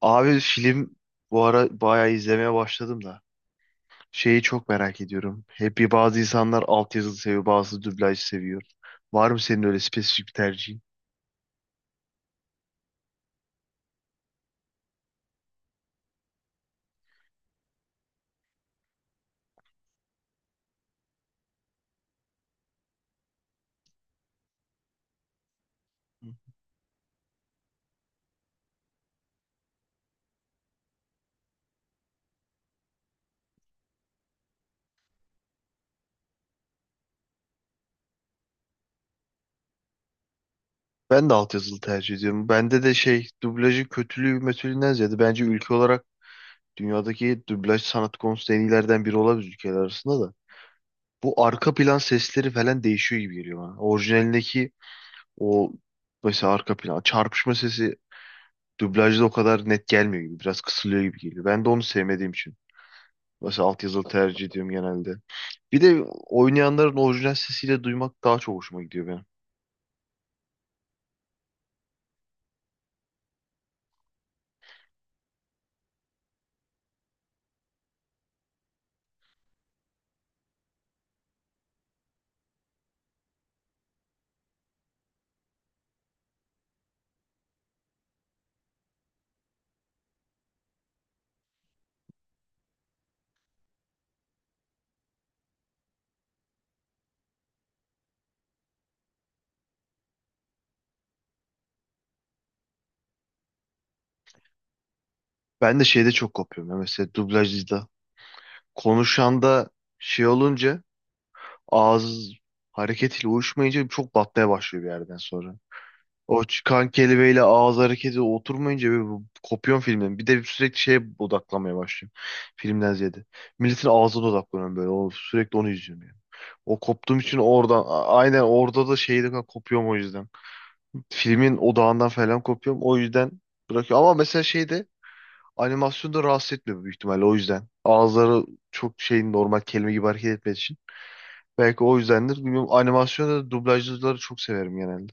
Abi film bu ara bayağı izlemeye başladım da. Şeyi çok merak ediyorum. Hep bir bazı insanlar altyazılı seviyor, bazı dublaj seviyor. Var mı senin öyle spesifik bir tercihin? Hı. Ben de altyazılı tercih ediyorum. Bende de şey dublajın kötülüğü metölünden ziyade bence ülke olarak dünyadaki dublaj sanat konusunda en iyilerden biri olabilir ülkeler arasında da. Bu arka plan sesleri falan değişiyor gibi geliyor bana. Orijinalindeki o mesela arka plan çarpışma sesi dublajda o kadar net gelmiyor gibi. Biraz kısılıyor gibi geliyor. Ben de onu sevmediğim için. Mesela altyazılı tercih ediyorum genelde. Bir de oynayanların orijinal sesiyle duymak daha çok hoşuma gidiyor benim. Ben de şeyde çok kopuyorum. Mesela dublajda konuşan da şey olunca ağız hareketiyle uyuşmayınca çok batmaya başlıyor bir yerden sonra. O çıkan kelimeyle ağız hareketi oturmayınca kopuyorum filmden. Bir de sürekli şeye odaklanmaya başlıyorum. Filmden ziyade. Milletin ağzına odaklanıyorum böyle. O, sürekli onu izliyorum yani. O koptuğum için oradan aynen orada da şeyde kopuyorum o yüzden. Filmin odağından falan kopuyorum. O yüzden bırakıyorum. Ama mesela şeyde animasyonda rahatsız etmiyor büyük ihtimalle o yüzden. Ağızları çok şey normal kelime gibi hareket etmediği için. Belki o yüzdendir. Bilmiyorum animasyonda da dublajcıları çok severim genelde.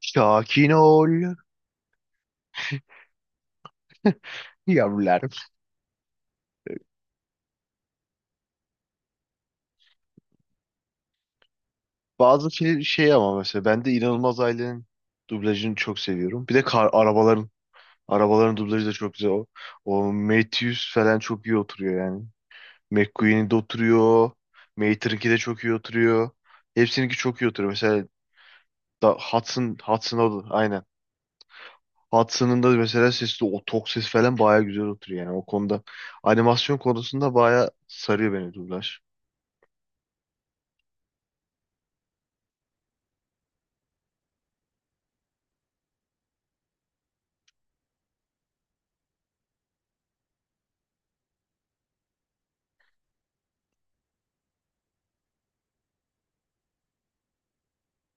Sakin ol yavrularım. Bazı film şey ama mesela ben de İnanılmaz Ailenin dublajını çok seviyorum. Bir de arabaların arabaların dublajı da çok güzel. O, o Matthews falan çok iyi oturuyor yani. McQueen'in de oturuyor. Mater'inki de çok iyi oturuyor. Hepsininki çok iyi oturuyor. Mesela da Hudson, Hudson o da aynen. Hudson'ın da mesela sesi o tok ses falan baya güzel oturuyor yani o konuda. Animasyon konusunda baya sarıyor beni dublaj.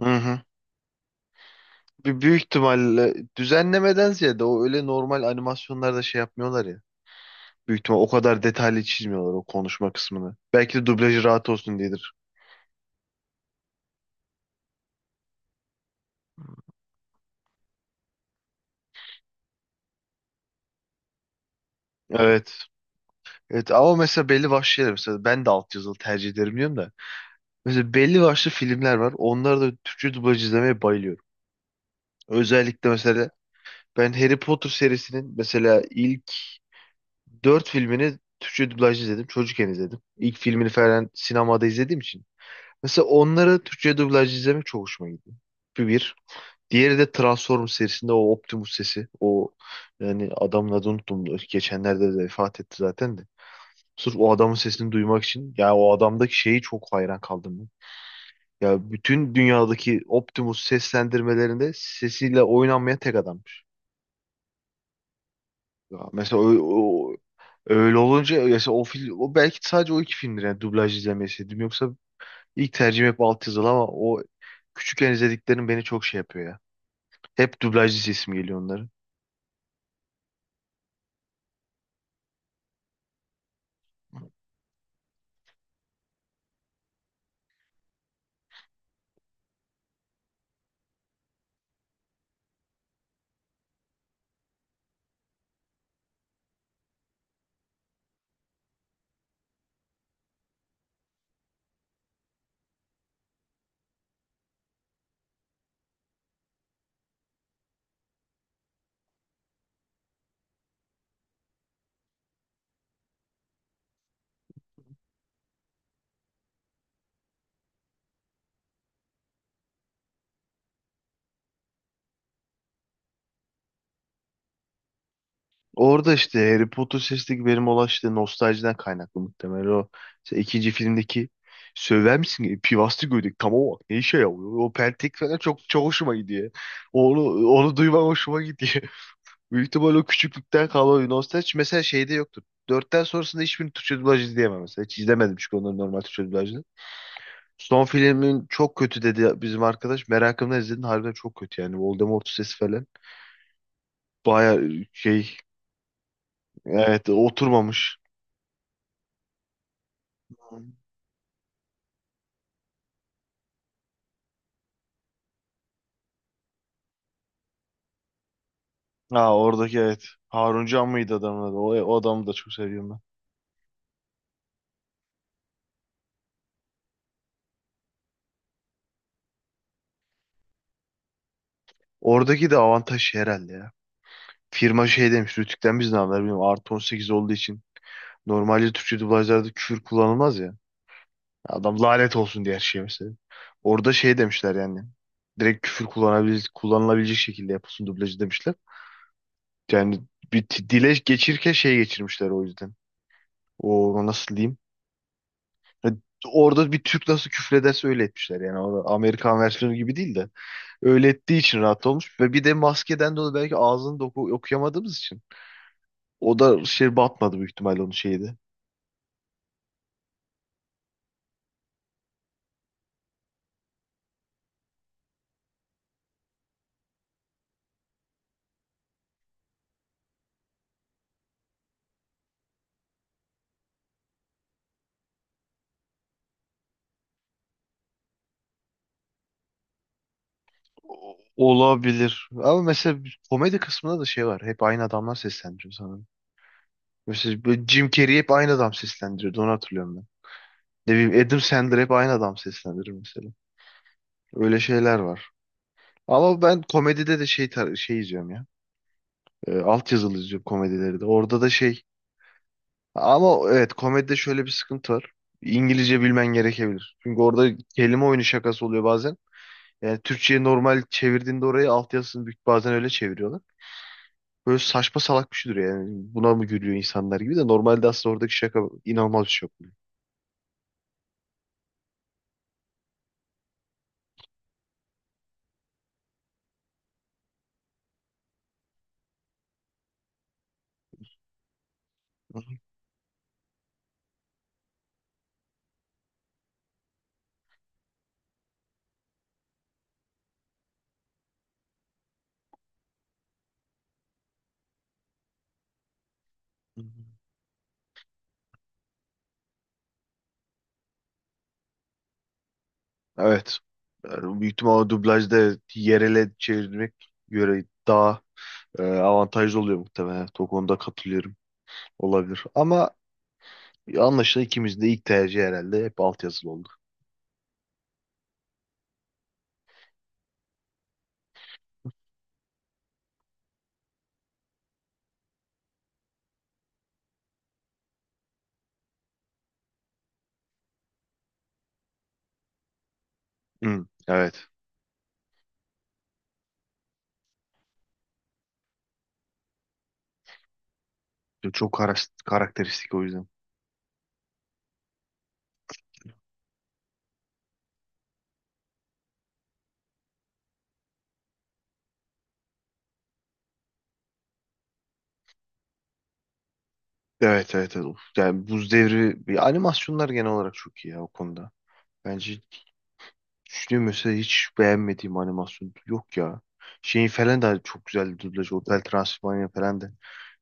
Hı hı. Bir büyük ihtimalle düzenlemeden ziyade o öyle normal animasyonlarda şey yapmıyorlar ya. Büyük ihtimal o kadar detaylı çizmiyorlar o konuşma kısmını. Belki de dublajı rahat olsun diyedir. Evet. Evet ama mesela belli başlı şeyler, mesela ben de alt yazılı tercih ederim diyorum da. Mesela belli başlı filmler var. Onları da Türkçe dublaj izlemeye bayılıyorum. Özellikle mesela ben Harry Potter serisinin mesela ilk dört filmini Türkçe dublaj izledim. Çocukken izledim. İlk filmini falan sinemada izlediğim için. Mesela onları Türkçe dublaj izlemek çok hoşuma gitti. Bu bir. Diğeri de Transformers serisinde o Optimus sesi. O, yani adamın adını unuttum. Geçenlerde de vefat etti zaten de. Sırf o adamın sesini duymak için. Ya o adamdaki şeyi çok hayran kaldım ben. Ya bütün dünyadaki Optimus seslendirmelerinde sesiyle oynanmayan tek adam. Ya mesela öyle olunca mesela o film o belki sadece o iki filmdir yani dublaj izlemeseydim. Yoksa ilk tercihim hep altyazılı ama o küçükken izlediklerim beni çok şey yapıyor ya. Hep dublajlı sesim geliyor onların. Orada işte Harry Potter sesindeki benim olan işte nostaljiden kaynaklı muhtemelen o işte ikinci filmdeki söyler misin? Pivaslı gödek, tamam bak, ne işe yarıyor. O pentek falan çok çok hoşuma gidiyor. Onu onu duymam hoşuma gidiyor. Büyük ihtimal o küçüklükten kalan bir nostalji. Mesela şeyde yoktur. Dörtten sonrasında hiçbir Türkçe dublaj izleyemem mesela. Hiç izlemedim çünkü onların normal Türkçe dublajını. Son filmin çok kötü dedi bizim arkadaş. Merakımla izledim. Harbiden çok kötü yani. Voldemort sesi falan. Baya şey, evet, oturmamış. Ha oradaki evet. Haruncan mıydı adamın adı? O, o adamı da çok seviyorum ben. Oradaki de avantaj şey herhalde ya. Firma şey demiş. Rütük'ten biz ne haber bilmiyorum. Artı 18 olduğu için. Normalde Türkçe dublajlarda küfür kullanılmaz ya. Adam lanet olsun diye her şeye mesela. Orada şey demişler yani. Direkt küfür kullanabil kullanılabilecek şekilde yapılsın dublajı demişler. Yani dile geçirirken şey geçirmişler o yüzden. O nasıl diyeyim? Ya, orada bir Türk nasıl küfrederse öyle etmişler. Yani orada Amerikan versiyonu gibi değil de öyle ettiği için rahat olmuş. Ve bir de maskeden dolayı belki ağzını da okuyamadığımız için. O da şey batmadı büyük ihtimalle onun şeydi. Olabilir. Ama mesela komedi kısmında da şey var. Hep aynı adamlar seslendiriyor sanırım. Mesela böyle Jim Carrey hep aynı adam seslendiriyordu. Onu hatırlıyorum ben. Ne bileyim Adam Sandler hep aynı adam seslendirir mesela. Öyle şeyler var. Ama ben komedide de şey izliyorum ya. Alt yazılı izliyorum komedileri de. Orada da şey, ama evet komedide şöyle bir sıkıntı var. İngilizce bilmen gerekebilir. Çünkü orada kelime oyunu şakası oluyor bazen. Yani Türkçe'ye normal çevirdiğinde orayı, alt yazısını büyük bazen öyle çeviriyorlar. Böyle saçma salak bir şey duruyor yani. Buna mı gülüyor insanlar gibi, de normalde aslında oradaki şaka inanılmaz bir şey yapıyor. Evet. Yani büyük ihtimalle dublajda yerele çevirmek göre daha avantajlı oluyor muhtemelen. Evet, o konuda katılıyorum. Olabilir. Ama anlaşılan ikimiz de ilk tercih herhalde hep altyazılı oldu. Hı, evet. Çok karakteristik o yüzden. Evet evet, evet. Of, yani Buz Devri bir, animasyonlar genel olarak çok iyi ya o konuda. Bence düşünüyorum mesela hiç beğenmediğim animasyon yok ya. Şeyin falan da çok güzel dublaj. Hotel Transylvania falan da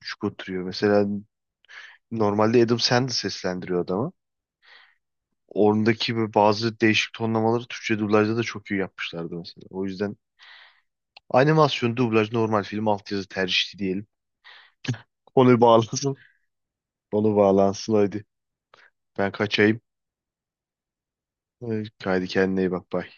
şık oturuyor. Mesela normalde Adam Sandler seslendiriyor adamı. Oradaki böyle bazı değişik tonlamaları Türkçe dublajda da çok iyi yapmışlardı mesela. O yüzden animasyon, dublaj, normal film, altyazı tercihli diyelim. Konu bağlansın. Konu bağlansın hadi. Ben kaçayım. Haydi kendine iyi bak. Bye.